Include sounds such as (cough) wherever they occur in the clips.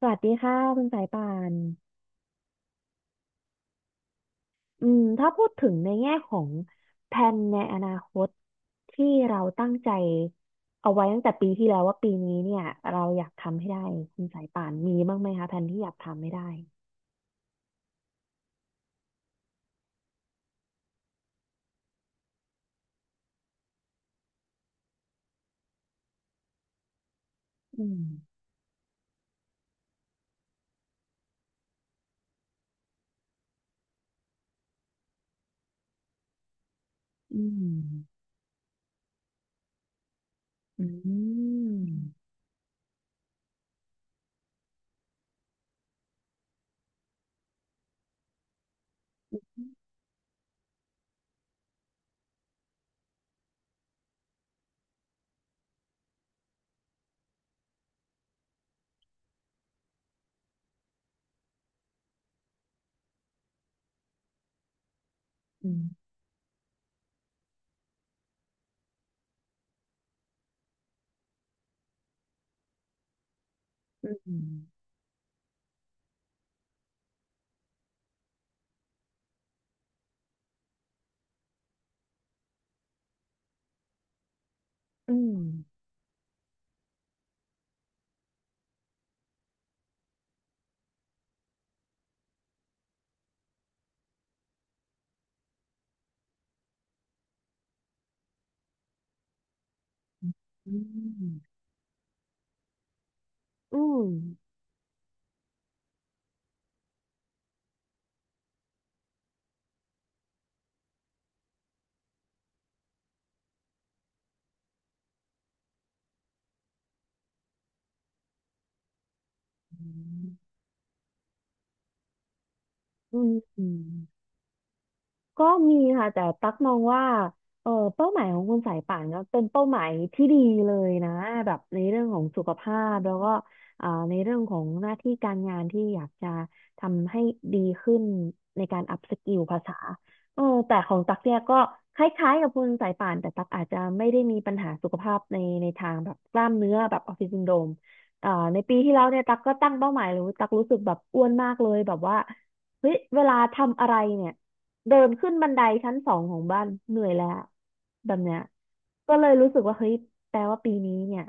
สวัสดีค่ะคุณสายป่านอืมถ้าพูดถึงในแง่ของแผนในอนาคตที่เราตั้งใจเอาไว้ตั้งแต่ปีที่แล้วว่าปีนี้เนี่ยเราอยากทำให้ได้คุณสายป่านมีบ้างไหมคะแผนที่อยากทำให้ได้อืมอืมอืมอืมอืมอืมอืมอืมอืมอืม ก็มีค่ะแต่ตักมองว่าเออเป้าหมายของคุณสายป่านก็เป็นเป้าหมายที่ดีเลยนะแบบในเรื่องของสุขภาพแล้วก็ในเรื่องของหน้าที่การงานที่อยากจะทำให้ดีขึ้นในการอัพสกิลภาษาเออแต่ของตักเนี่ยก็คล้ายๆกับคุณสายป่านแต่ตักอาจจะไม่ได้มีปัญหาสุขภาพในทางแบบกล้ามเนื้อแบบออฟฟิศซินโดรมในปีที่แล้วเนี่ยตักก็ตั้งเป้าหมายเลยตักรู้สึกแบบอ้วนมากเลยแบบว่าเฮ้ยเวลาทำอะไรเนี่ย เดินขึ้นบันไดชั้น 2ของบ้านเหนื่อยแล้วแบบเนี้ยก็เลยรู้สึกว่าเฮ้ยแปลว่าปีนี้เนี่ย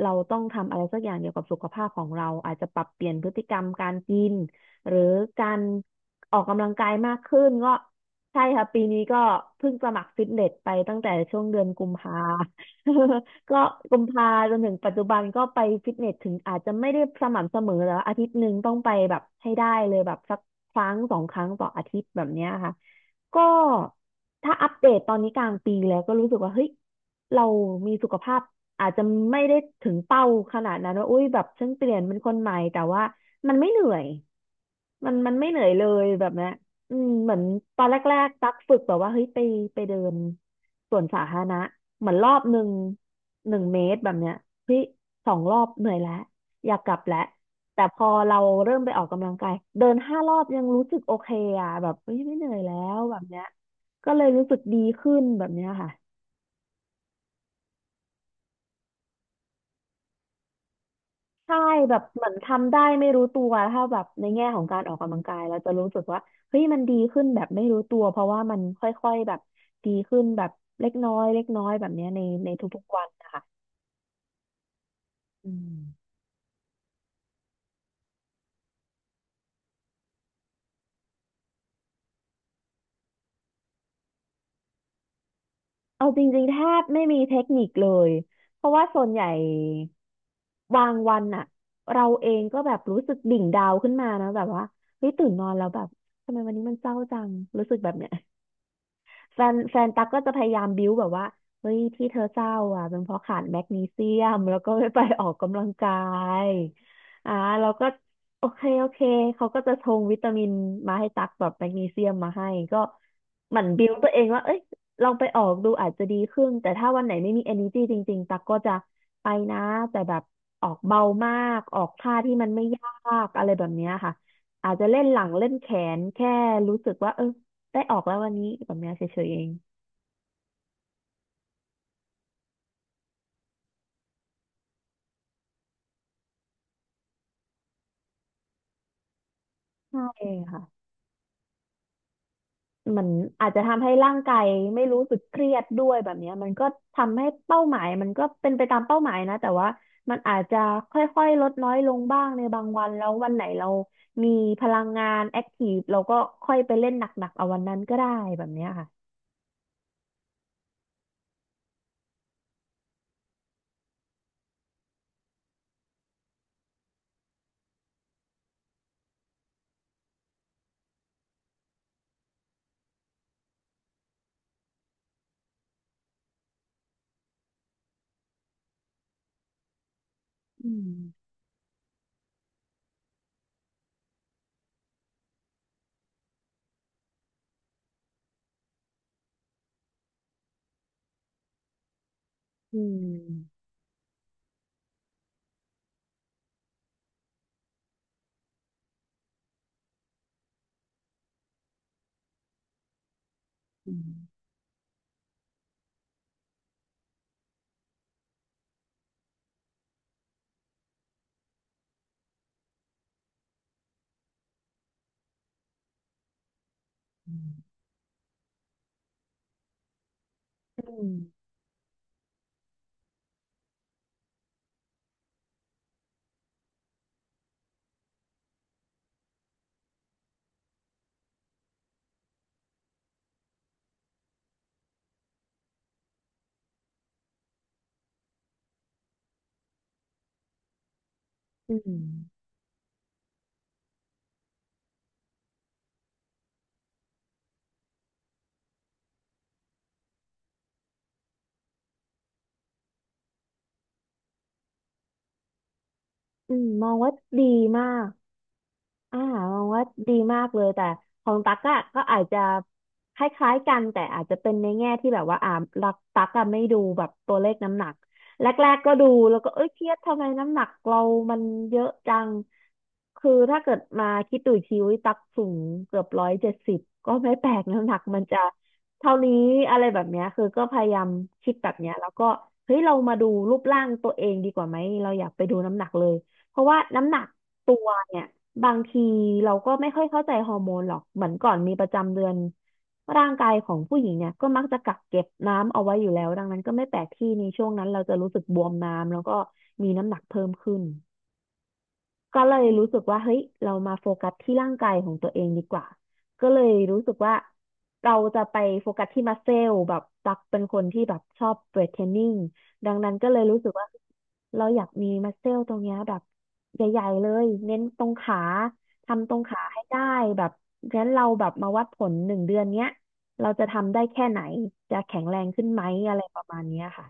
เราต้องทำอะไรสักอย่างเกี่ยวกับสุขภาพของเราอาจจะปรับเปลี่ยนพฤติกรรมการกินหรือการออกกำลังกายมากขึ้นก็ใช่ค่ะปีนี้ก็เพิ่งสมัครฟิตเนสไปตั้งแต่ช่วงเดือนกุมภา (laughs) ก็กุมภาจนถึงปัจจุบันก็ไปฟิตเนสถึงอาจจะไม่ได้สม่ำเสมอแล้วาอาทิตย์หนึ่งต้องไปแบบให้ได้เลยแบบสักครั้งสองครั้งต่ออาทิตย์แบบเนี้ยค่ะ ก็ถ้าอัปเดตตอนนี้กลางปีแล้วก็รู้สึกว่าเฮ้ยเรามีสุขภาพอาจจะไม่ได้ถึงเป้าขนาดนั้นว่าอุ้ยแบบฉันเปลี่ยนเป็นคนใหม่แต่ว่ามันไม่เหนื่อยมันไม่เหนื่อยเลยแบบเนี้ยอืมเหมือนตอนแรกๆตักฝึกแบบว่าเฮ้ยไปเดินสวนสาธารณะเหมือนรอบหนึ่ง1 เมตรแบบเนี้ยเฮ้ย2 รอบเหนื่อยแล้ว อยากกลับแหละแต่พอเราเริ่มไปออกกำลังกายเดิน5 รอบยังรู้สึกโอเคอ่ะแบบเฮ้ยไม่เหนื่อยแล้วแบบเนี้ยก็เลยรู้สึกดีขึ้นแบบเนี้ยค่ะใช่แบบเหมือนทำได้ไม่รู้ตัวถ้าแบบในแง่ของการออกกำลังกายเราจะรู้สึกว่าเฮ้ยมันดีขึ้นแบบไม่รู้ตัวเพราะว่ามันค่อยๆแบบดีขึ้นแบบเล็กน้อยเล็กน้อยแบบเนี้ยในในทุกๆวันนะคะอืม เอาจริงๆแทบไม่มีเทคนิคเลยเพราะว่าส่วนใหญ่บางวันอะเราเองก็แบบรู้สึกดิ่งดาวขึ้นมานะแบบว่าเฮ้ยตื่นนอนแล้วแบบทำไมวันนี้มันเศร้าจังรู้สึกแบบเนี้ย แฟนตั๊กก็จะพยายามบิ้วแบบว่าเฮ้ยที่เธอเศร้าอ่ะเป็นเพราะขาดแมกนีเซียมแล้วก็ไม่ไปออกกำลังกายอ่าเราก็โอเคโอเคเขาก็จะชงวิตามินมาให้ตักแบบแมกนีเซียมมาให้ก็หมั่นบิ้วตัวเองว่าเอ้ยลองไปออกดูอาจจะดีขึ้นแต่ถ้าวันไหนไม่มี energy จริงๆตักก็จะไปนะแต่แบบออกเบามากออกท่าที่มันไม่ยากอะไรแบบเนี้ยค่ะอาจจะเล่นหลังเล่นแขนแค่รู้สึกว่าเออ ได้ออกแล้ววันนี้แบบเนี้ยเฉยๆเองใช่ค่ะมันอาจจะทำให้ร่างกายไม่รู้สึกเครียดด้วยแบบเนี้ยมันก็ทำให้เป้าหมายมันก็เป็นไปตามเป้าหมายนะแต่ว่ามันอาจจะค่อยๆลดน้อยลงบ้างในบางวันแล้ววันไหนเรามีพลังงานแอคทีฟเราก็ค่อยไปเล่นหนักๆเอาวันนั้นก็ได้แบบเนี้ยค่ะอืมอืมอืมอืมอืมอืมมองว่าดีมาก อ่ามองว่าดีมากเลยแต่ของตั๊กอะก็อาจจะคล้ายๆกันแต่อาจจะเป็นในแง่ที่แบบว่ารักตั๊กอะไม่ดูแบบตัวเลขน้ำหนักแรกๆก็ดูแล้วก็เอ้ยเครียดทำไมน้ำหนักเรามันเยอะจังคือถ้าเกิดมาคิดดูอีกทีวิตั๊กสูงเกือบ170ก็ไม่แปลกน้ำหนักมันจะเท่านี้อะไรแบบเนี้ยคือก็พยายามคิดแบบเนี้ยแล้วก็เฮ้ยเรามาดูรูปร่างตัวเองดีกว่าไหมเราอยากไปดูน้ำหนักเลยเพราะว่าน้ำหนัก ตัวเนี่ยบางทีเราก็ไม่ค่อยเข้าใจฮอร์โมนหรอกเหมือนก่อนมีประจำเดือนร่างกายของผู้หญิงเนี่ยก็มักจะกักเก็บน้ำเอาไว้อยู่แล้วดังนั้นก็ไม่แปลกที่ในช่วงนั้นเราจะรู้สึกบวมน้ำแล้วก็มีน้ำหนักเพิ่มขึ้น ก็เลยรู้สึกว่าเฮ้ยเรามาโฟกัสที่ร่างกายของตัวเองดีกว่าก็เลยรู้สึกว่าเราจะไปโฟกัสที่มัสเซลแบบตักเป็นคนที่แบบชอบเวทเทรนนิ่งดังนั้นก็เลยรู้สึกว่าเราอยากมีมัสเซลตรงเนี้ยแบบใหญ่ๆเลยเน้นตรงขาทำตรงขาให้ได้แบบงั้นเราแบบมาวัดผล1 เดือนเนี้ยเราจะทำได้แค่ไหนจะแข็งแรงขึ้นไหมอะไรประมาณเนี้ยค่ะ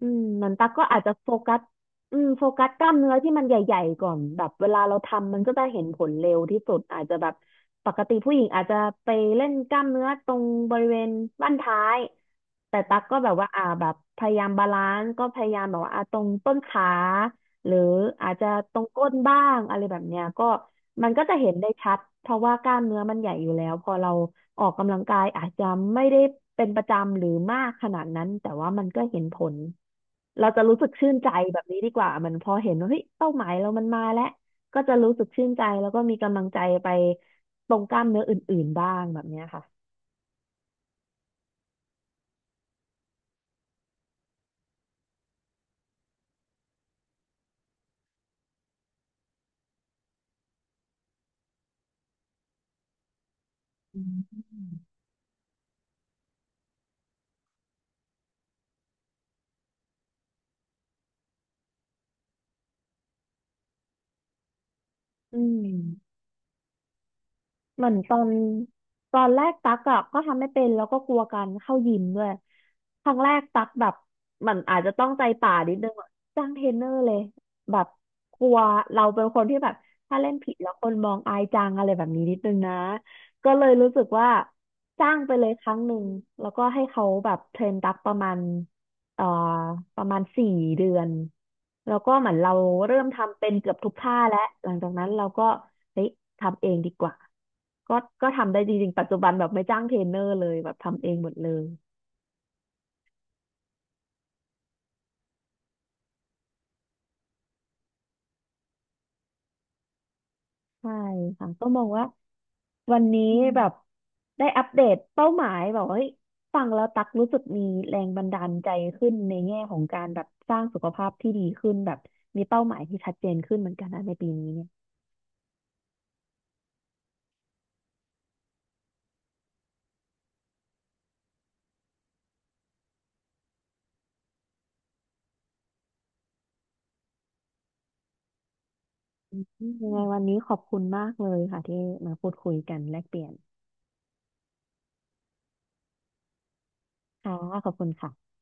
อืมเหมือนตั๊กก็อาจจะโฟกัสอืมโฟกัสกล้ามเนื้อที่มันใหญ่ๆก่อน แบบเวลาเราทำมันก็จะเห็นผลเร็วที่สุด อาจจะแบบปกติผู้หญิงอาจจะไปเล่นกล้ามเนื้อตรงบริเวณบั้นท้าย แต่ตั๊กก็แบบว่าแบบพยายามบาลานซ์ก็พยายามแบบว่าตรงต้นขา หรืออาจจะตรงก้นบ้างอะไรแบบเนี้ยก็มันก็จะเห็นได้ชัดเพราะว่ากล้ามเนื้อมันใหญ่อยู่แล้วพอเราออกกำลังกายอาจจะไม่ได้เป็นประจำหรือมากขนาดนั้นแต่ว่ามันก็เห็นผลเราจะรู้สึกชื่นใจแบบนี้ดีกว่ามันพอเห็นว่าเฮ้ยเป้าหมายเรามันมาแล้วก็จะรู้สึกชื่นใจแล้วก็มีกำลังใจไปตรงกล้ามเนื้ออื่นๆบ้างแบบเนี้ยค่ะอืม เหมือนตอนแรกตักอะก็ทำไม่เป็นแล้วก็กลัวการเข้ายิมด้วยครั้งแรกตักแบบเหมันอาจจะต้องใจป่านิดนึงอะจ้างเทรนเนอร์เลยแบบกลัวเราเป็นคนที่แบบถ้าเล่นผิดแล้วคนมองอายจังอะไรแบบนี้นิดนึงนะก็เลยรู้สึกว่าจ้างไปเลยครั้งหนึ่งแล้วก็ให้เขาแบบเทรนตักประมาณ เอ่อประมาณ4 เดือนแล้วก็เหมือนเราเริ่มทำเป็นเกือบทุกท่าแล้วหลังจากนั้นเราก็เฮ้ยทำเองดีกว่าก็ก็ทำได้จริงๆปัจจุบันแบบไม่จ้างเทรนเนอร์เลยแบบทำเองหมดเลยใช่ค่ะก็มองว่าวันนี้อืมแบบได้อัปเดตเป้าหมายแบบว่าเฮ้ยฟังแล้วตักรู้สึกมีแรงบันดาลใจขึ้นในแง่ของการแบบสร้างสุขภาพที่ดีขึ้นแบบมีเป้าหมายที่ชัดเจนขึ้นเหมือนกันนะในปีนี้ ยังไงวันนี้ขอบคุณมากเลยค่ะที่มาพูดคุยกันแลกเปลี่ยนค่ะขอบคุณค่ะ